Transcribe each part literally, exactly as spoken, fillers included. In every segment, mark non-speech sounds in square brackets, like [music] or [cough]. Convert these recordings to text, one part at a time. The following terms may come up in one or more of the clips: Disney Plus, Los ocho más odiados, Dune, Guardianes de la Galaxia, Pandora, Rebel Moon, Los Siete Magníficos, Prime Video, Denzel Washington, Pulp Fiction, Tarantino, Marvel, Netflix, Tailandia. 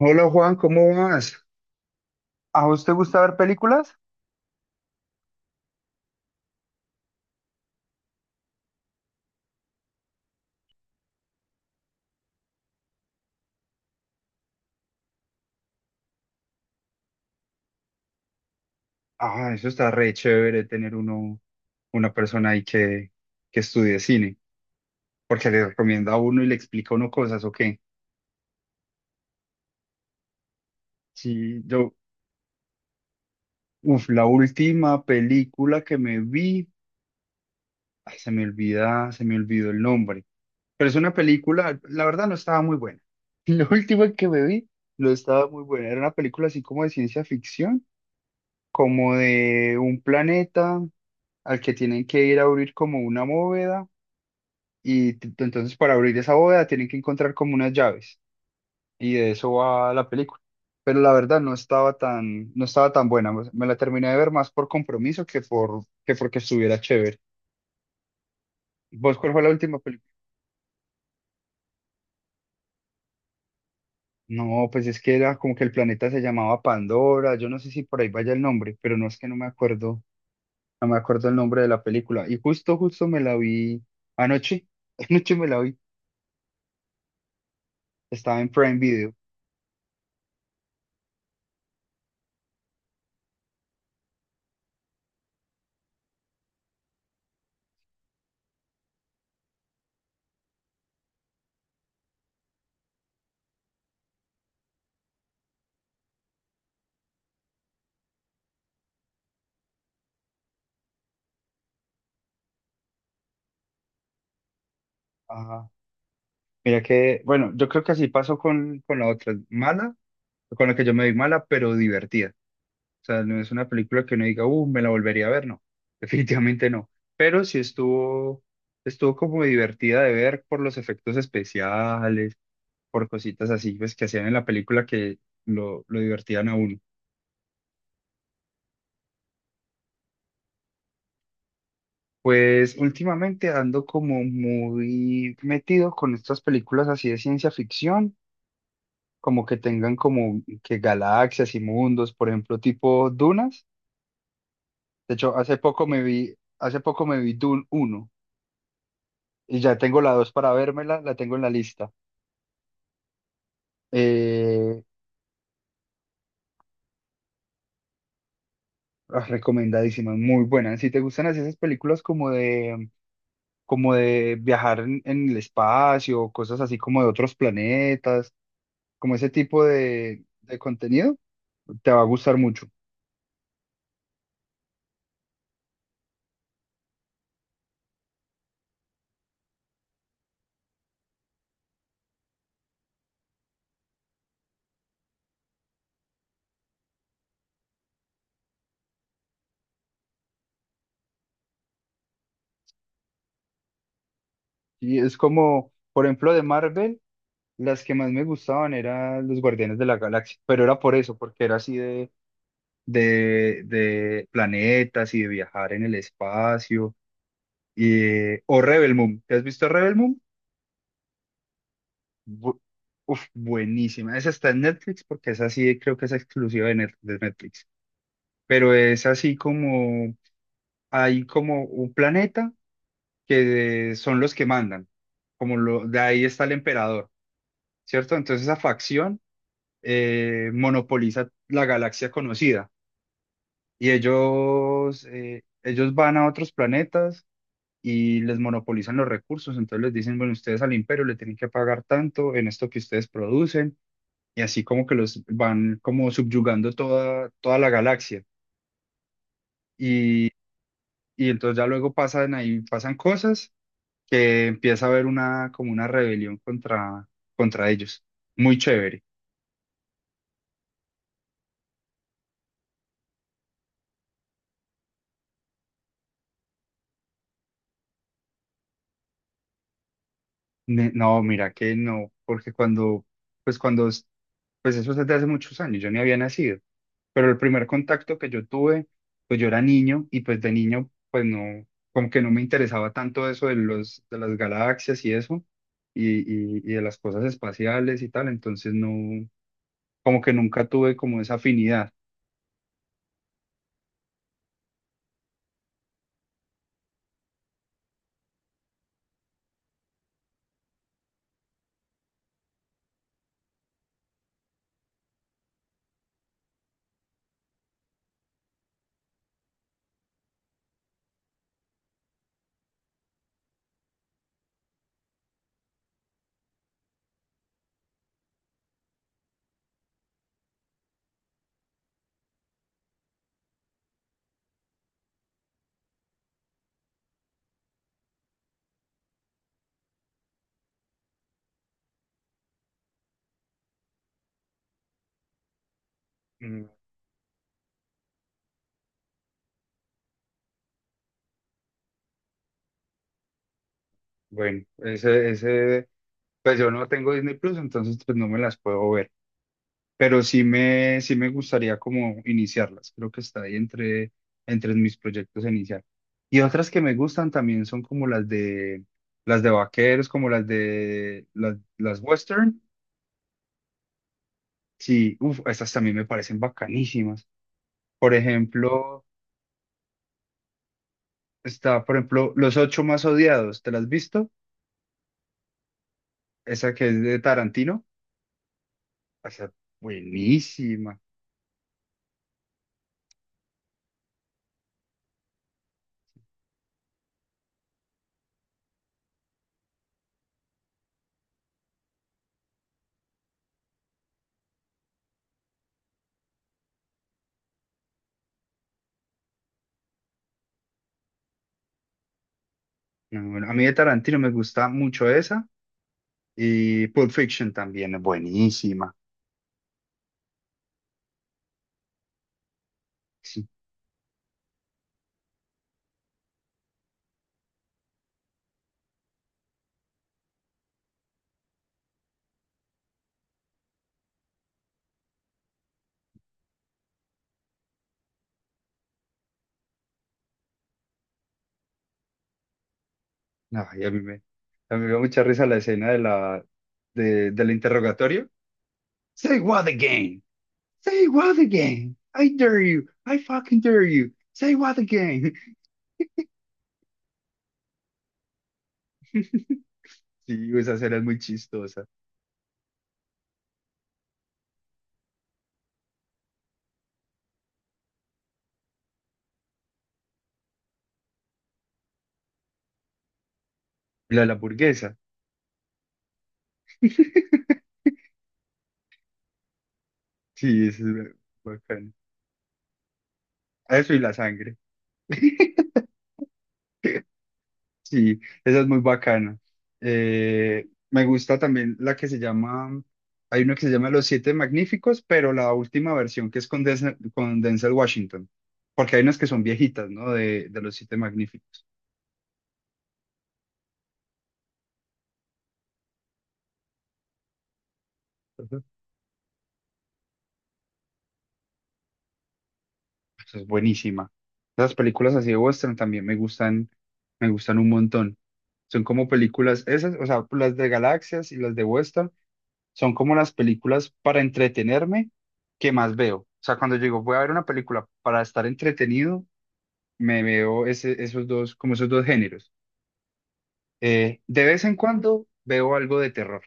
Hola Juan, ¿cómo vas? ¿A vos te gusta ver películas? Ah, eso está re chévere tener uno, una persona ahí que, que estudie cine, porque le recomienda a uno y le explica a uno cosas, ¿o qué? Sí, yo, uf, la última película que me vi, ay, se me olvida, se me olvidó el nombre, pero es una película, la verdad no estaba muy buena. [laughs] La última que me vi no estaba muy buena, era una película así como de ciencia ficción, como de un planeta al que tienen que ir a abrir como una bóveda y t- entonces para abrir esa bóveda tienen que encontrar como unas llaves y de eso va la película. Pero la verdad no estaba tan, no estaba tan buena. Me me la terminé de ver más por compromiso que por, que porque estuviera chévere. ¿Vos cuál fue la última película? No, pues es que era como que el planeta se llamaba Pandora. Yo no sé si por ahí vaya el nombre, pero no es que no me acuerdo, no me acuerdo el nombre de la película. Y justo, justo me la vi anoche. [laughs] Anoche me la vi. Estaba en Prime Video. Ajá. Mira que, bueno, yo creo que así pasó con, con la otra, mala, con la que yo me vi mala, pero divertida. O sea, no es una película que uno diga, uh, me la volvería a ver, no, [laughs] definitivamente no. Pero sí estuvo, estuvo como divertida de ver por los efectos especiales, por cositas así, pues, que hacían en la película que lo, lo divertían a uno. Pues últimamente ando como muy metido con estas películas así de ciencia ficción como que tengan como que galaxias y mundos, por ejemplo, tipo dunas. De hecho, hace poco me vi, hace poco me vi Dune uno y ya tengo la dos para vérmela, la tengo en la lista. Eh, ah, Recomendadísima, muy buena. Si te gustan así esas películas como de, como de viajar en, en el espacio, cosas así como de otros planetas, como ese tipo de, de contenido, te va a gustar mucho. Y es como, por ejemplo, de Marvel. Las que más me gustaban eran los Guardianes de la Galaxia, pero era por eso, porque era así de, de, de planetas y de viajar en el espacio. Y, eh, o Rebel Moon, ¿te has visto Rebel Moon? Bu- Uf, buenísima. Esa está en Netflix porque es así, creo que es exclusiva de Net- de Netflix. Pero es así como, hay como un planeta que son los que mandan, como lo, de ahí está el emperador, ¿cierto? Entonces esa facción, eh, monopoliza la galaxia conocida. Y ellos, eh, ellos van a otros planetas y les monopolizan los recursos, entonces les dicen, bueno, ustedes al imperio le tienen que pagar tanto en esto que ustedes producen, y así como que los van como subyugando toda, toda la galaxia. Y, y entonces ya luego pasan ahí, pasan cosas que empieza a haber una, como una rebelión contra, contra ellos. Muy chévere. Ne- No, mira que no, porque cuando, pues cuando pues eso es desde hace muchos años, yo ni había nacido, pero el primer contacto que yo tuve, pues yo era niño y pues de niño, pues no, como que no me interesaba tanto eso de los, de las galaxias y eso, y, y, y de las cosas espaciales y tal, entonces no, como que nunca tuve como esa afinidad. Mm. Bueno, ese, ese, pues yo no tengo Disney Plus, entonces pues no me las puedo ver. Pero sí me, sí me gustaría como iniciarlas. Creo que está ahí entre, entre mis proyectos a iniciar. Y otras que me gustan también son como las de las de vaqueros, como las de las, las western. Sí, uf, estas también me parecen bacanísimas. Por ejemplo, está, por ejemplo, Los Ocho Más Odiados. ¿Te las has visto? Esa que es de Tarantino. Esa, buenísima. No, bueno, a mí de Tarantino me gusta mucho esa. Y Pulp Fiction también es buenísima. Sí. Ay, a mí me, a mí me dio mucha risa la escena de la, de, del interrogatorio. Say what again? Say what again? I dare you. I fucking dare you. Say what again? [laughs] Sí, esa escena es muy chistosa. La de la hamburguesa. [laughs] Sí, eso es bacán. Eso y la sangre. [laughs] Sí, esa es muy bacana. Eh, me gusta también la que se llama, hay una que se llama Los Siete Magníficos, pero la última versión que es con Denzel, con Denzel Washington, porque hay unas que son viejitas, ¿no? De, de Los Siete Magníficos. Ujú. Esa es buenísima. Las películas así de western también me gustan, me gustan un montón. Son como películas, esas, o sea, las de galaxias y las de western son como las películas para entretenerme que más veo. O sea, cuando yo digo, voy a ver una película para estar entretenido, me veo ese- esos dos, como esos dos géneros. Eh, de vez en cuando veo algo de terror,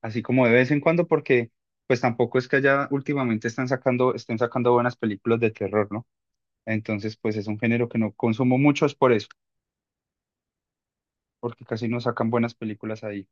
así como de vez en cuando, porque pues tampoco es que allá últimamente están sacando, estén sacando buenas películas de terror, ¿no? Entonces, pues es un género que no consumo mucho, es por eso, porque casi no sacan buenas películas ahí.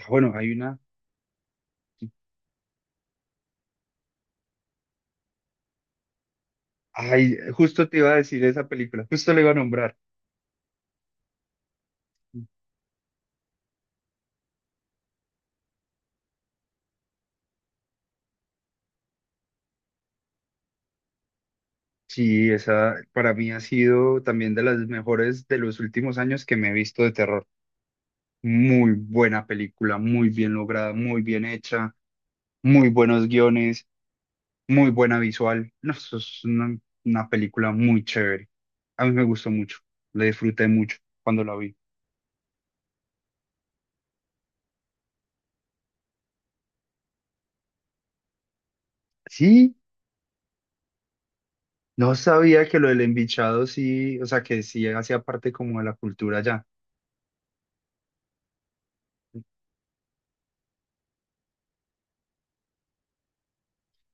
Ah, bueno, hay una, ay, justo te iba a decir esa película, justo la iba a nombrar. Sí, esa para mí ha sido también de las mejores de los últimos años que me he visto de terror. Muy buena película, muy bien lograda, muy bien hecha, muy buenos guiones, muy buena visual. No, eso es una, una película muy chévere. A mí me gustó mucho, la disfruté mucho cuando la vi. Sí, no sabía que lo del embichado sí, o sea, que sí hacía parte como de la cultura ya.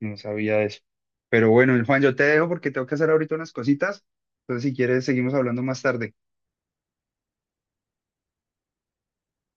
No sabía de eso. Pero bueno, Juan, yo te dejo porque tengo que hacer ahorita unas cositas. Entonces, si quieres, seguimos hablando más tarde.